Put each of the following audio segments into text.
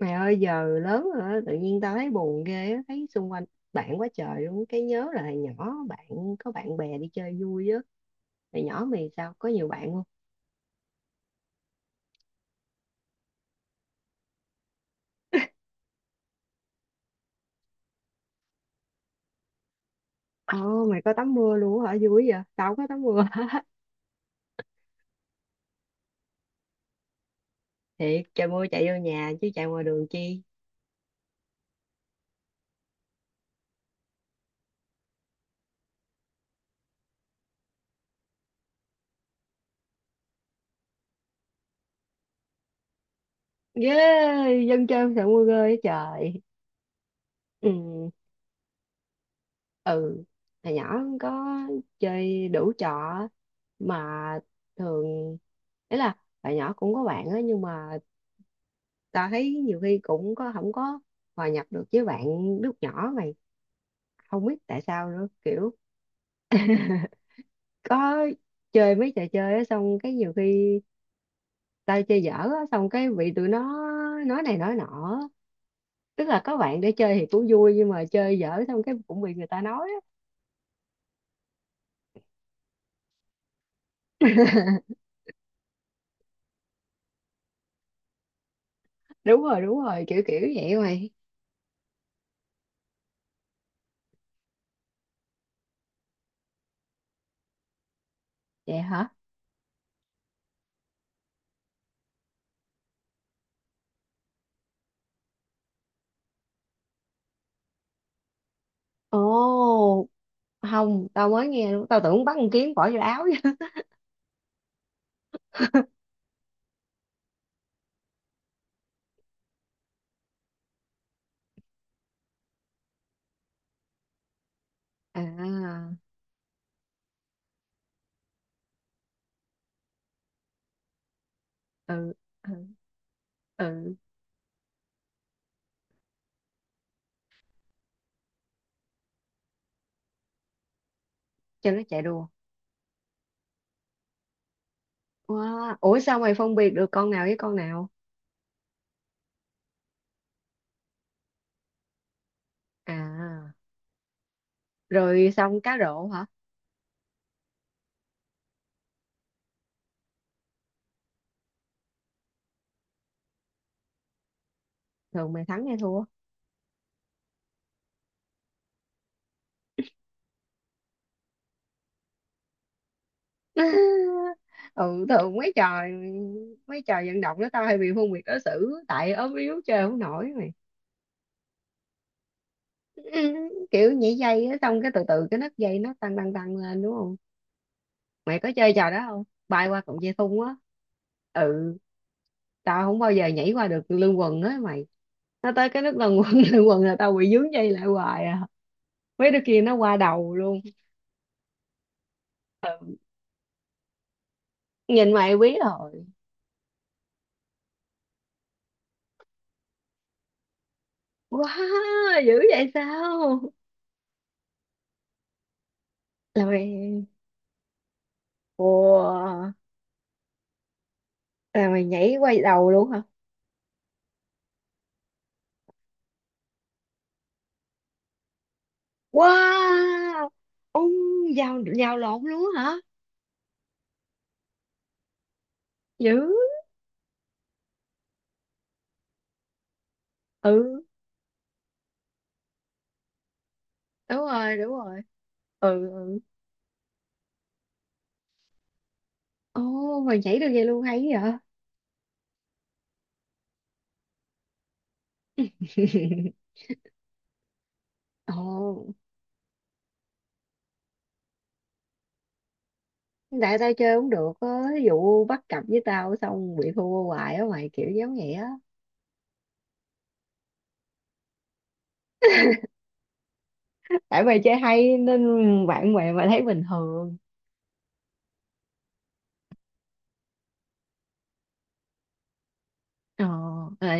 Mày ơi giờ lớn rồi á, tự nhiên tao thấy buồn ghê á, thấy xung quanh bạn quá trời luôn, cái nhớ là hồi nhỏ bạn có bạn bè đi chơi vui á. Hồi nhỏ mày sao có nhiều bạn không? Ồ mày có tắm mưa luôn á hả, vui vậy, tao không có tắm mưa. Thiệt, trời mưa chạy vô nhà chứ chạy ngoài đường chi. Yeah, dân chơi không sợ mưa ghê á trời. Ừ, ừ, hồi nhỏ không có chơi đủ trò á, mà thường ý là hồi nhỏ cũng có bạn á nhưng mà tao thấy nhiều khi cũng có không có hòa nhập được với bạn lúc nhỏ mày, không biết tại sao nữa, kiểu có chơi mấy trò chơi á xong cái nhiều khi tao chơi dở á xong cái bị tụi nó nói này nói nọ. Tức là có bạn để chơi thì cũng vui nhưng mà chơi dở xong cái cũng bị người ta nói á. Đúng rồi, đúng rồi, kiểu kiểu vậy mày. Vậy hả. Ồ không, tao mới nghe luôn, tao tưởng bắn con kiến bỏ vô áo chứ. À. Ừ, ừ, ừ, cho nó chạy đua. Wow. Ủa sao mày phân biệt được con nào với con nào? À, rồi xong cá rổ hả? Thường mày thắng hay thua? Ừ, thường mấy trò, mấy trò vận động đó tao hay bị phân biệt đối xử tại ốm yếu chơi không nổi mày. Ừ, kiểu nhảy dây á xong cái từ từ cái nấc dây nó tăng tăng tăng lên đúng không? Mày có chơi trò đó không? Bay qua cọng dây thun á. Ừ, tao không bao giờ nhảy qua được lưng quần á mày. Nó tới cái nấc lần quần lưng quần là tao bị vướng dây lại hoài à. Mấy đứa kia nó qua đầu luôn. Nhìn mày quý rồi. Wow, dữ vậy sao. Là mày. Wow. Là mày nhảy quay đầu luôn hả. Wow. Ông. Vào vào lộn luôn hả. Dữ. Ừ, đúng rồi, đúng rồi. Ừ, ừ. Ồ mày nhảy được vậy luôn hay vậy. Ồ. Tại tao chơi cũng được á, ví dụ bắt cặp với tao xong bị thua hoài á mày, kiểu giống vậy á. Tại mày chơi hay nên bạn bè mà thấy bình thường. Ờ. À.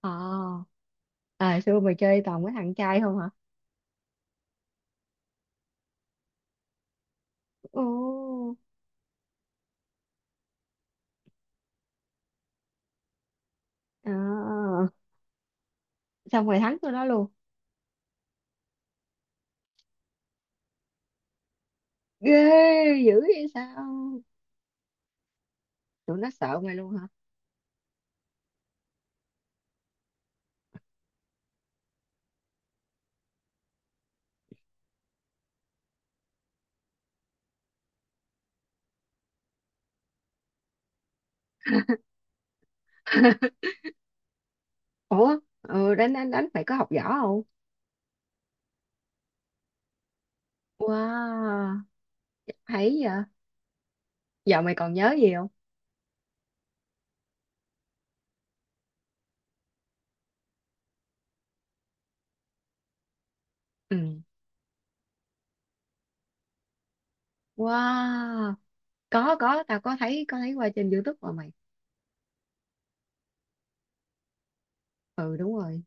Ờ. À xưa mày chơi toàn với thằng trai không hả. Ồ. À, xong mày thắng tụi nó luôn. Ghê. Dữ vậy sao. Tụi nó sợ mày luôn hả. Ủa, ừ, đánh đánh đánh, mày có học võ không. Wow, thấy vậy. Giờ mày còn nhớ gì không. Ừ. Wow. Có, tao có thấy, qua trên YouTube mà mày. Ừ, đúng rồi.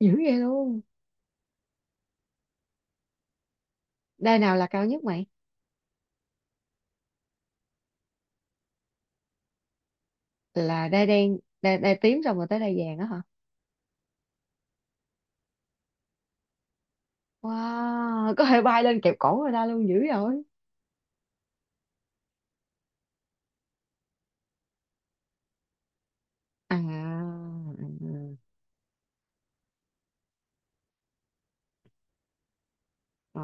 Dữ vậy luôn. Đai nào là cao nhất mày. Là đai đen, đai, đai tím xong rồi tới đai vàng á hả. Wow, có thể bay lên kẹp cổ người ta luôn, dữ rồi. À, à, à. Ờ.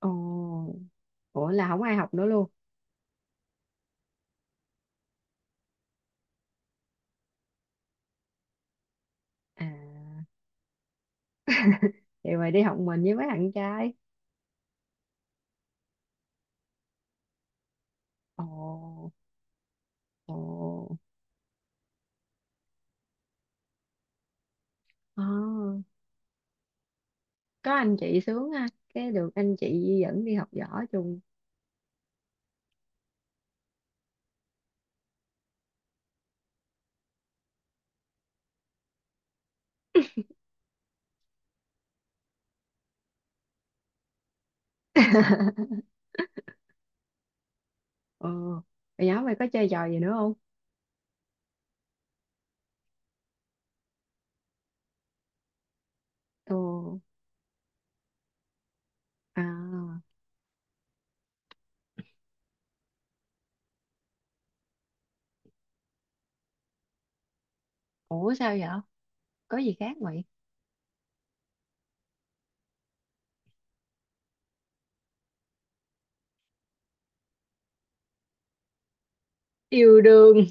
Ồ. Ủa là không ai học nữa luôn. À vậy mà đi học mình với mấy bạn trai. Ồ. Ồ. Ờ, có anh chị sướng ha, cái được anh chị dẫn đi học võ chung. Ờ. Hồi nhỏ mày có chơi trò gì nữa không. Ồ. À. Ủa sao vậy, có gì khác mày. Yêu đương.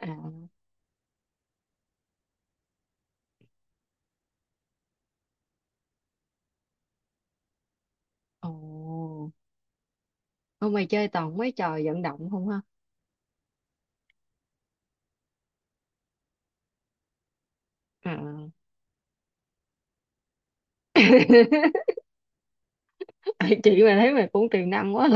À. Ồ không, mày chơi toàn mấy trò vận động không ha. À. Chị mà thấy mày cũng tiềm năng quá.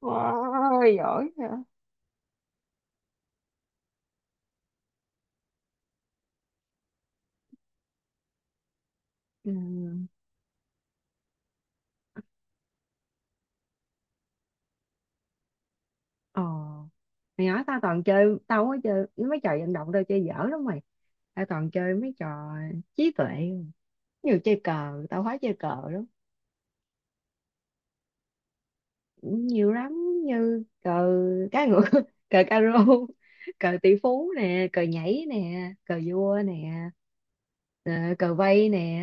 Wow, giỏi vậy. Ừ. Ờ mày nói, tao toàn chơi, tao không có chơi mấy trò vận động, tao chơi dở lắm mày. Tao toàn chơi mấy trò trí tuệ nhiều, chơi cờ, tao khoái chơi cờ lắm. Nhiều lắm, như cờ cá ngựa, cờ caro, cờ tỷ phú nè, cờ nhảy nè, cờ vua nè, ờ, cờ vây nè.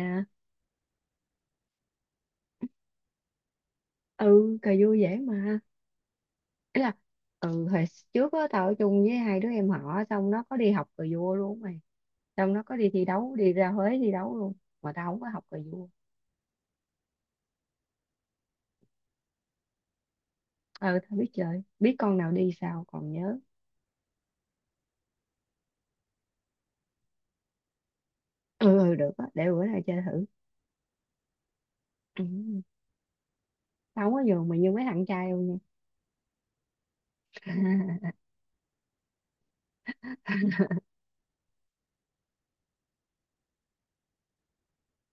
Ừ cờ vua dễ mà. Ý là, ừ hồi trước á tao ở chung với hai đứa em họ xong nó có đi học cờ vua luôn mày. Trong nó có đi thi đấu, đi ra Huế thi đấu luôn. Mà tao không có học cờ vua. Ừ tao biết chơi, biết con nào đi sao, còn nhớ. Ừ, ừ, được á, để bữa nào chơi thử. Ừ. Tao không có giường mà như mấy thằng trai đâu nha.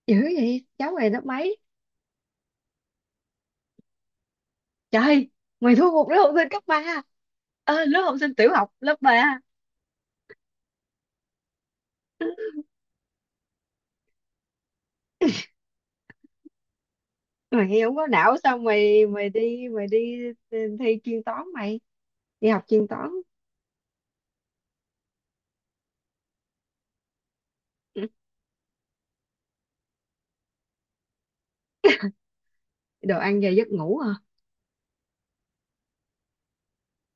Dữ vậy, cháu mày lớp mấy. Trời, mày thua một đứa học sinh cấp ba. Ờ, lớp học sinh tiểu học lớp ba. Mày không có não sao mày mày đi mày đi. Ừ, thi chuyên toán mày, đi học chuyên toán. Đồ ăn về giấc ngủ hả.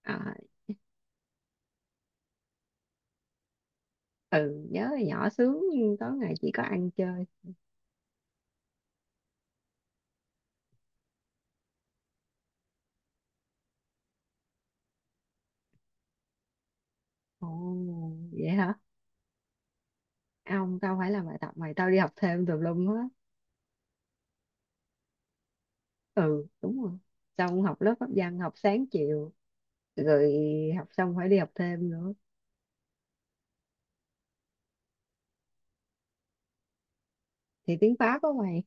À, ừ nhớ hồi nhỏ sướng, toán ngày chỉ có ăn chơi. Ồ, vậy hả? À, ông tao phải làm bài tập mày, tao đi học thêm tùm lum hết. Ừ, đúng rồi. Xong học lớp pháp văn, học sáng chiều, rồi học xong phải đi học thêm nữa. Thì tiếng Pháp á mày.